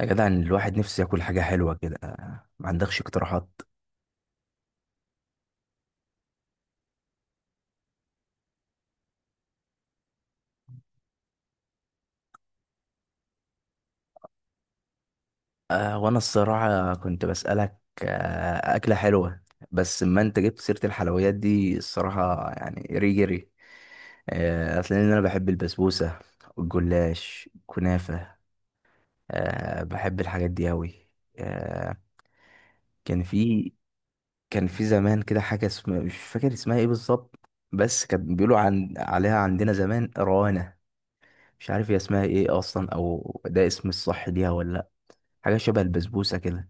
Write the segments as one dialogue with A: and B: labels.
A: يا جدع، الواحد نفسه ياكل حاجة حلوة كده. ما عندكش اقتراحات؟ آه، وانا الصراحة كنت بسألك أكلة حلوة. بس ما انت جبت سيرة الحلويات دي الصراحة، يعني ريجري ري. آه، أصل انا بحب البسبوسة، الجلاش، كنافة. آه، بحب الحاجات دي أوي. آه، كان في كان في زمان كده حاجة، اسمها مش فاكر اسمها ايه بالظبط. بس كانت بيقولوا عليها عندنا زمان روانة. مش عارف هي اسمها ايه اصلا، او ده اسم الصح ليها ولا. حاجة شبه البسبوسة كده.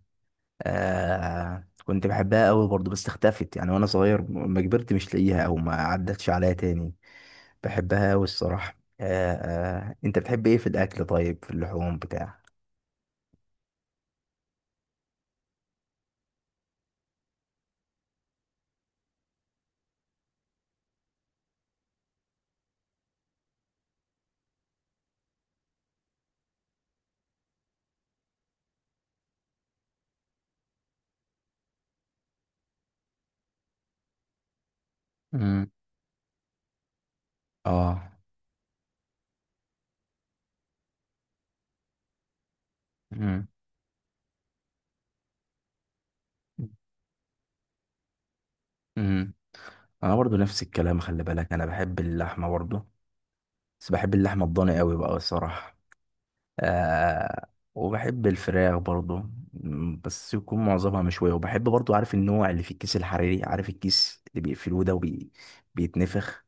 A: آه، كنت بحبها قوي برضو، بس اختفت يعني وانا صغير، ما كبرت مش لاقيها او ما عدتش عليها تاني. بحبها قوي الصراحة، آه. آه، انت بتحب ايه في الاكل؟ طيب، في اللحوم بتاع؟ امم. اه. امم. امم. انا برضو نفس الكلام. خلي بالك، انا بحب اللحمة برضو. بس بحب اللحمة الضاني قوي بقى الصراحة، آه. وبحب الفراخ برضو. بس يكون معظمها مشوية، وبحب برضو، عارف النوع اللي في الكيس الحريري، عارف الكيس اللي بيقفلوه ده وبيتنفخ.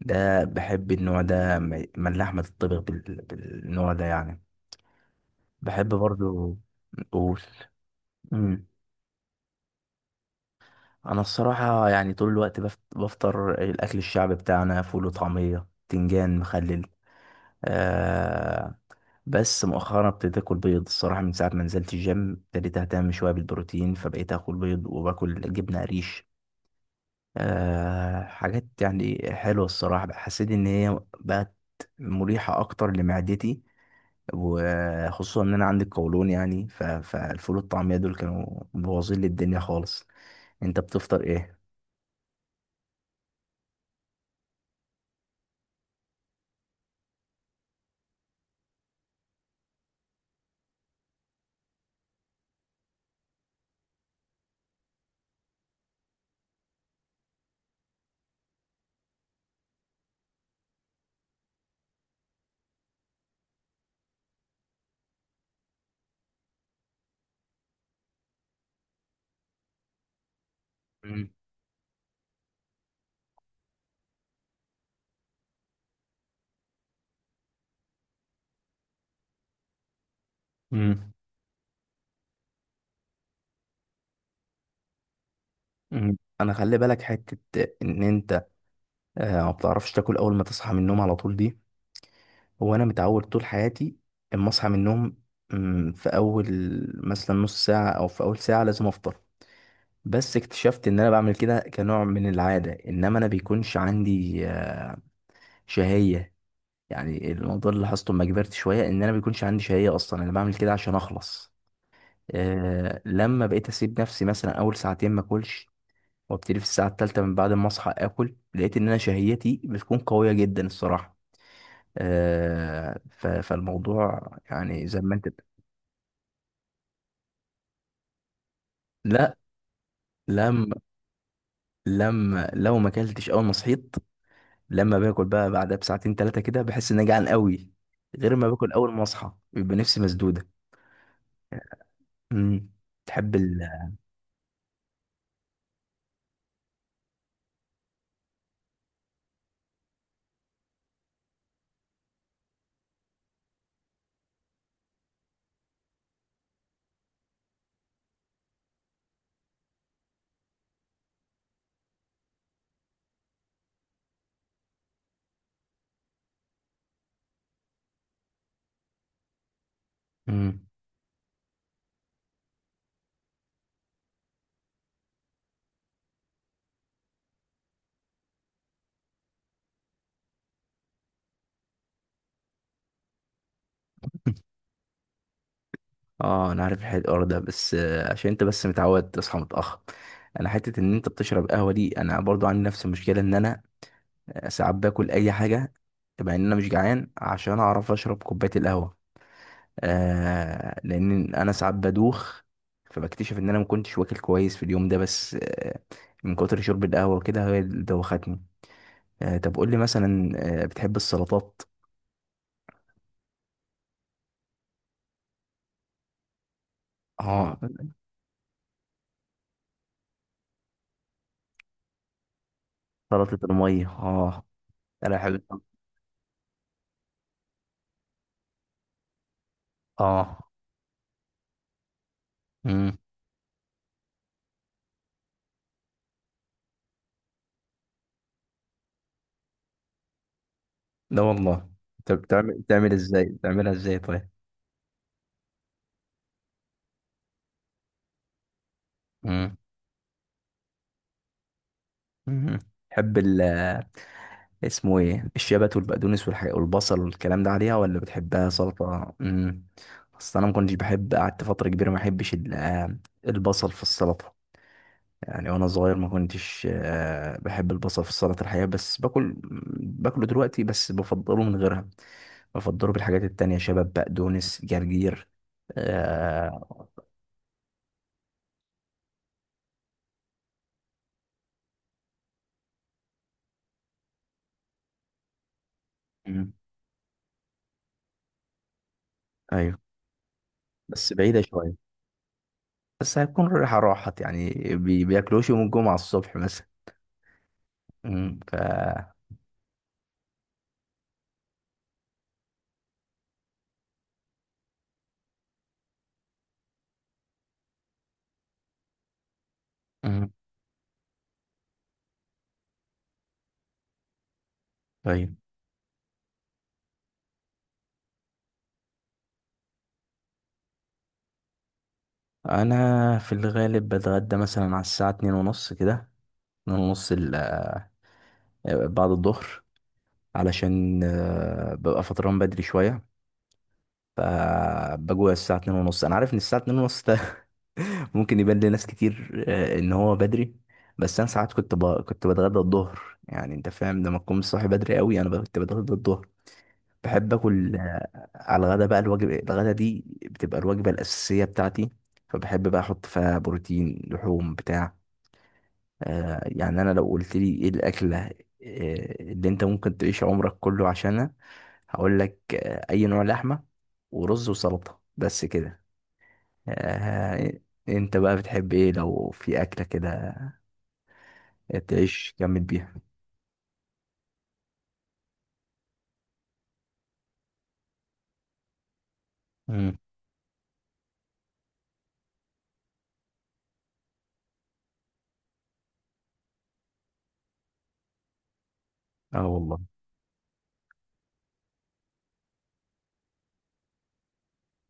A: ده بحب النوع ده، ما اللحمة تطبخ بالنوع ده يعني. بحب برضو. قول. مم. انا الصراحة يعني طول الوقت بفطر الاكل الشعبي بتاعنا، فول وطعمية تنجان مخلل. آه، بس مؤخرا ابتديت اكل بيض الصراحه. من ساعه ما نزلت الجيم ابتديت اهتم شويه بالبروتين، فبقيت اكل بيض وباكل جبنه قريش. آه، حاجات يعني حلوه الصراحه، حسيت ان هي بقت مريحه اكتر لمعدتي. وخصوصا ان انا عندي القولون، يعني فالفول والطعميه دول كانوا مبوظين لي الدنيا خالص. انت بتفطر ايه؟ مم. مم. مم. انا خلي بالك حته ان انت ما بتعرفش تاكل اول ما تصحى من النوم على طول دي. هو انا متعود طول حياتي، اما اصحى من النوم، في اول مثلا نص ساعه او في اول ساعه لازم افطر. بس اكتشفت ان انا بعمل كده كنوع من العاده، انما انا بيكونش عندي شهيه. يعني الموضوع اللي لاحظته لما كبرت شويه، ان انا بيكونش عندي شهيه اصلا، انا بعمل كده عشان اخلص. لما بقيت اسيب نفسي مثلا اول ساعتين ما اكلش، وابتدي في الساعه الثالثه من بعد ما اصحى اكل، لقيت ان انا شهيتي بتكون قويه جدا الصراحه. فالموضوع يعني زي ما انت. لا. لما لما لو ما اكلتش اول ما صحيت، لما باكل بقى بعدها بساعتين ثلاثه كده، بحس اني جعان قوي. غير ما باكل اول ما اصحى، بيبقى نفسي مسدوده. امم. تحب ال. امم. اه، انا عارف الحوار ده، بس عشان انت بس متعود تصحى متاخر. انا حته ان انت بتشرب قهوه دي، انا برضو عندي نفس المشكله. ان انا ساعات باكل اي حاجه، مع ان انا مش جعان، عشان اعرف اشرب كوبايه القهوه. آه، لان انا ساعات بدوخ. فبكتشف ان انا ما كنتش واكل كويس في اليوم ده، بس آه. من كتر شرب القهوه وكده، هي اللي دوختني. آه، طب قول لي مثلا، بتحب السلطات؟ اه. سلطه الميه. اه، انا بحب. اه. امم. لا والله. طب، بتعمل ازاي؟ بتعملها ازاي طيب؟ امم. تحب ال. اسمه ايه، الشبت والبقدونس والحاجة والبصل والكلام ده عليها؟ ولا بتحبها سلطة؟ امم. اصل انا ما كنتش بحب، قعدت فترة كبيرة ما بحبش البصل في السلطة. يعني وانا صغير ما كنتش بحب البصل في السلطة الحقيقة، بس باكل. باكله دلوقتي، بس بفضله من غيرها. بفضله بالحاجات التانية، شبت بقدونس جرجير، آه، مم. ايوه، بس بعيدة شوية. بس هتكون ريحة راحت يعني. بياكلوش يوم الجمعة الصبح مثلا. مم. مم. طيب. انا في الغالب بتغدى مثلا على الساعه 2:30 كده، 2:30 بعد الظهر، علشان ببقى فطران بدري شويه. فبجوع الساعه 2:30. انا عارف ان الساعه 2:30 ده ممكن يبان لناس كتير ان هو بدري. بس انا ساعات كنت بتغدى الظهر، يعني انت فاهم لما تكون صاحي بدري قوي، انا كنت بتغدى الظهر. بحب اكل، على الغدا بقى، الوجبه الغدا دي بتبقى الوجبه الاساسيه بتاعتي. فبحب بقى احط فيها بروتين، لحوم بتاع، يعني انا لو قلت لي ايه الاكله، اللي انت ممكن تعيش عمرك كله عشانها، هقول لك اي نوع لحمه، ورز وسلطه، بس كده. آه، انت بقى بتحب ايه لو في اكله كده تعيش جامد بيها؟ امم. اه والله.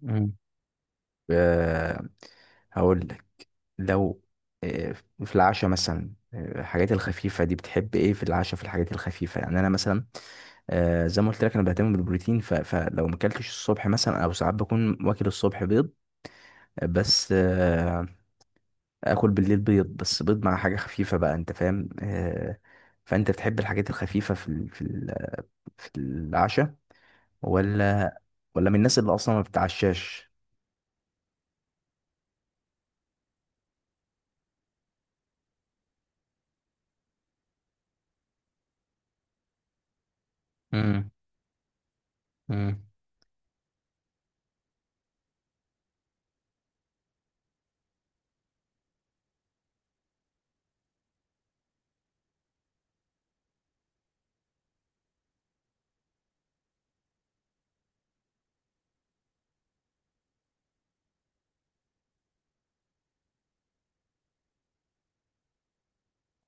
A: امم. آه، هقول لك، لو آه، في العشاء مثلا، الحاجات الخفيفة دي بتحب ايه في العشاء، في الحاجات الخفيفة، يعني انا مثلا، آه، زي ما قلت لك انا بهتم بالبروتين، فلو ما اكلتش الصبح مثلا، او ساعات بكون واكل الصبح بيض، بس اكل بالليل بيض، بس بيض مع حاجه خفيفه بقى، انت فاهم، آه. فانت بتحب الحاجات الخفيفه في العشاء، ولا ولا من الناس اللي اصلا ما بتتعشاش؟ امم. امم.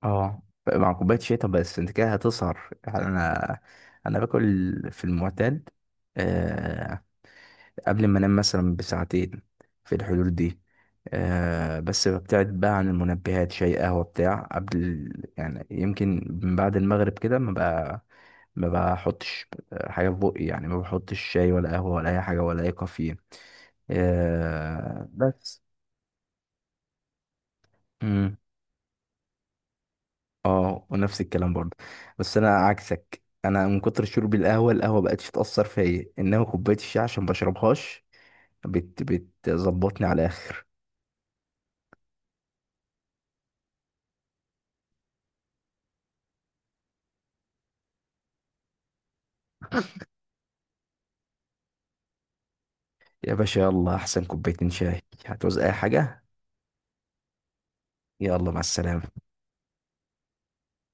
A: اه، مع كوبايه شاي. طب بس انت كده هتسهر، يعني انا باكل، في المعتاد آه، قبل ما انام مثلا بساعتين، في الحدود دي. آه، بس ببتعد بقى عن المنبهات، شاي قهوة بتاع، يعني يمكن من بعد المغرب كده، ما بقى ما بحطش حاجة في بقي، يعني ما بحطش شاي ولا قهوة ولا أي حاجة ولا أي كافيين، آه بس. مم. اه، ونفس الكلام برضه. بس أنا عكسك، أنا من كتر شرب القهوة، القهوة بقتش تأثر فيا، إنما كوباية الشاي عشان بشربهاش، بتظبطني على الآخر. يا باشا، يلا احسن كوبايتين شاي. هتعوز اي حاجة؟ يلا، مع السلامة.